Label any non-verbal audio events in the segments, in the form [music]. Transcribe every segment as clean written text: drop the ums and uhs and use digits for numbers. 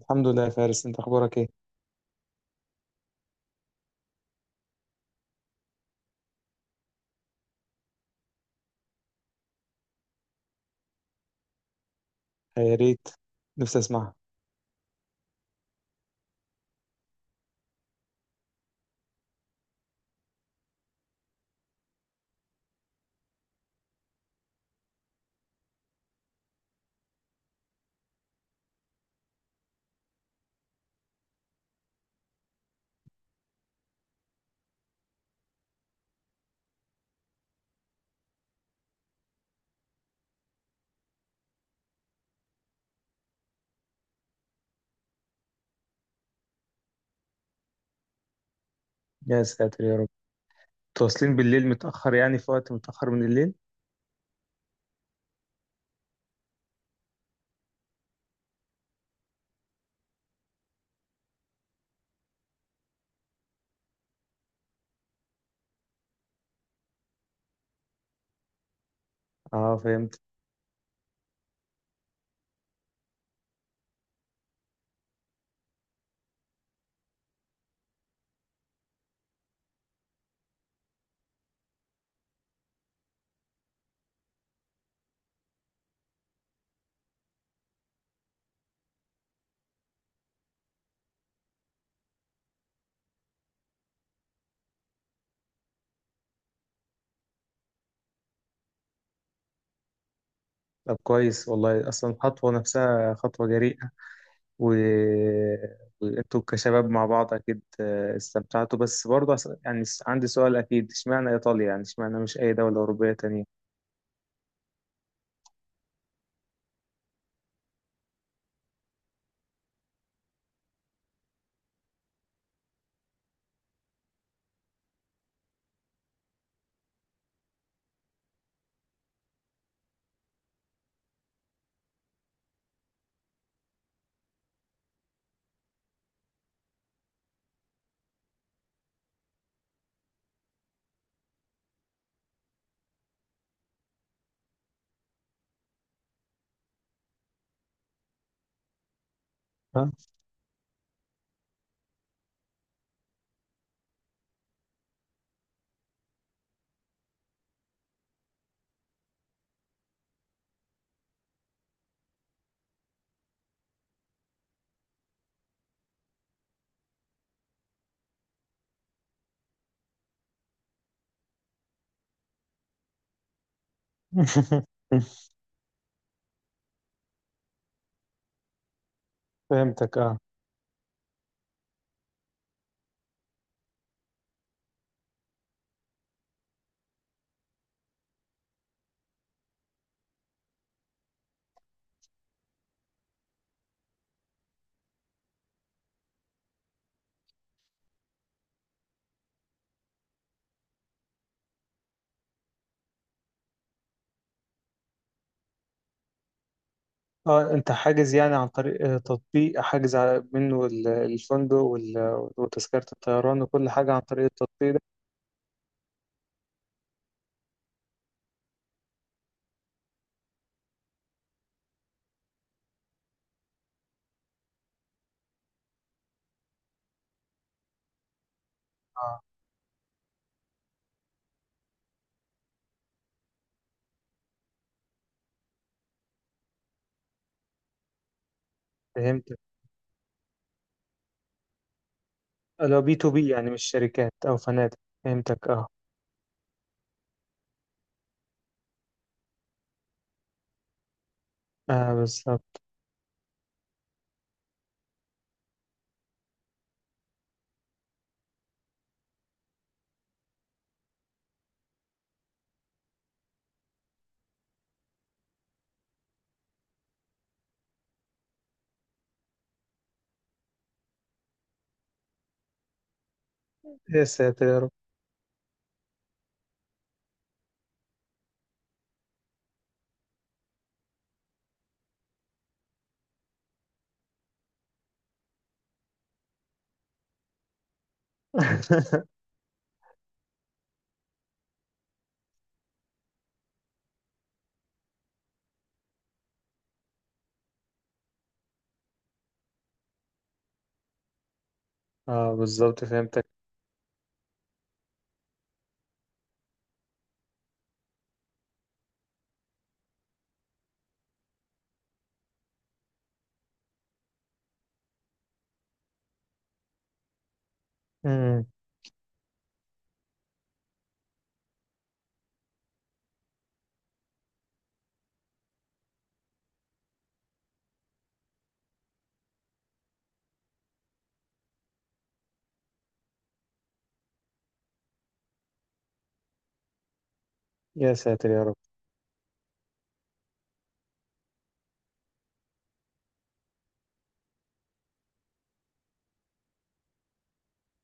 الحمد لله يا فارس، انت اخبارك ايه؟ يا ريت، نفسي اسمعها. يا ساتر يا رب، تواصلين بالليل متاخر؟ يعني في وقت متاخر من الليل. اه فهمت. طب كويس والله، اصلا الخطوه نفسها خطوه جريئه و... وانتوا كشباب مع بعض اكيد استمتعتوا، بس برضه عندي سؤال اكيد. اشمعنى ايطاليا؟ يعني اشمعنى مش اي دوله اوروبيه تانية؟ ها؟ [laughs] فهمتك اه. اه انت حاجز يعني عن طريق تطبيق، حاجز الفندق وتذكرة الطيران وكل حاجة عن طريق التطبيق ده؟ اه فهمتك. لو بي تو بي يعني مش شركات او فنادق. فهمتك اه. اه بالظبط. يا ساتر يا رب. [laughs] اه بالظبط فهمتك. امم. يا ساتر يا رب.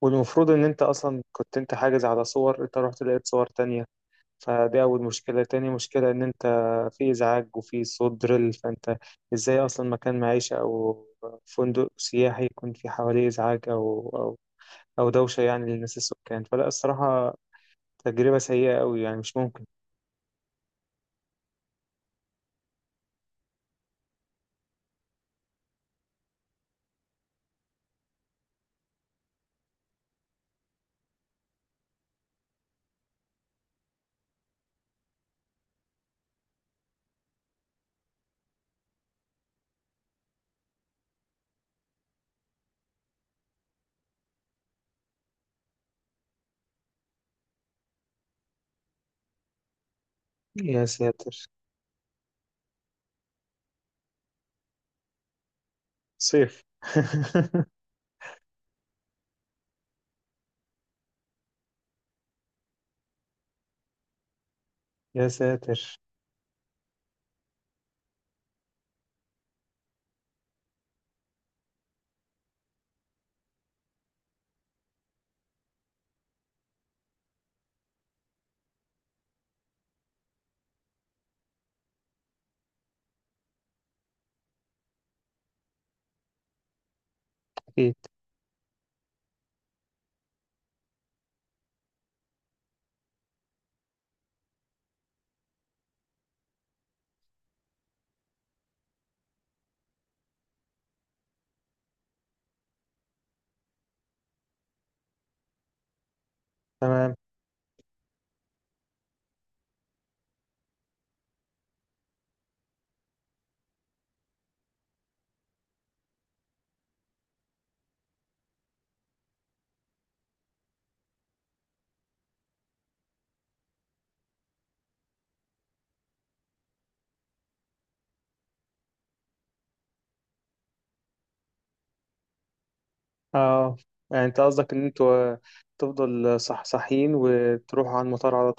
والمفروض ان انت اصلا كنت انت حاجز على صور، انت رحت لقيت صور تانية. فدي أول مشكلة. تاني مشكلة إن أنت في إزعاج وفي صوت دريل، فأنت إزاي أصلا مكان معيشة أو فندق سياحي يكون في حواليه إزعاج أو أو دوشة يعني للناس السكان؟ فلا الصراحة تجربة سيئة أوي، يعني مش ممكن. يا ساتر. صيف. [laughs] يا ساتر. أكيد. تمام. أه يعني أنت قصدك إن أنتوا تفضل صح، صحيين وتروحوا على المطار على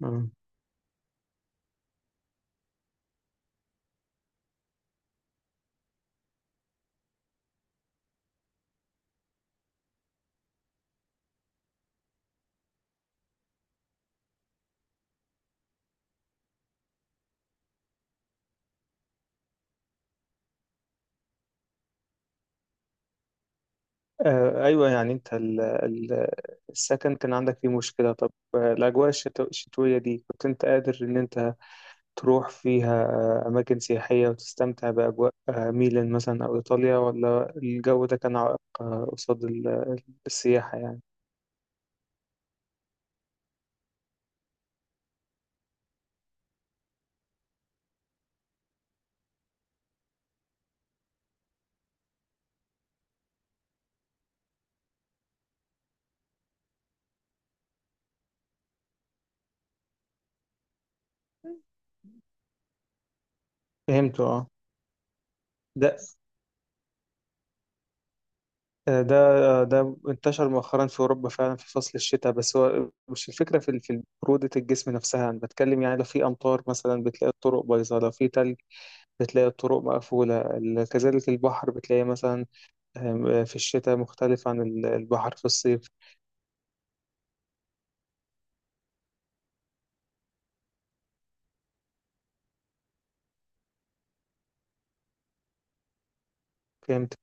طول. أيوة، يعني أنت السكن كان عندك فيه مشكلة. طب الأجواء الشتوية دي كنت أنت قادر إن أنت تروح فيها أماكن سياحية وتستمتع بأجواء ميلان مثلا أو إيطاليا، ولا الجو ده كان عائق قصاد السياحة يعني؟ فهمته اه. ده ده ده انتشر مؤخرا في أوروبا فعلا في فصل الشتاء، بس هو مش الفكرة في في برودة الجسم نفسها. أنا بتكلم يعني لو في أمطار مثلا، بتلاقي الطرق بايظة. لو في تلج بتلاقي الطرق مقفولة. كذلك البحر، بتلاقي مثلا في الشتاء مختلف عن البحر في الصيف. فهمت.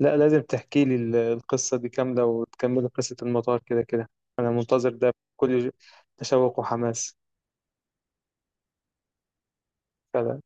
لا لازم تحكي لي القصة دي كاملة وتكمل قصة المطار، كده كده أنا منتظر ده بكل تشوق وحماس. فعلا.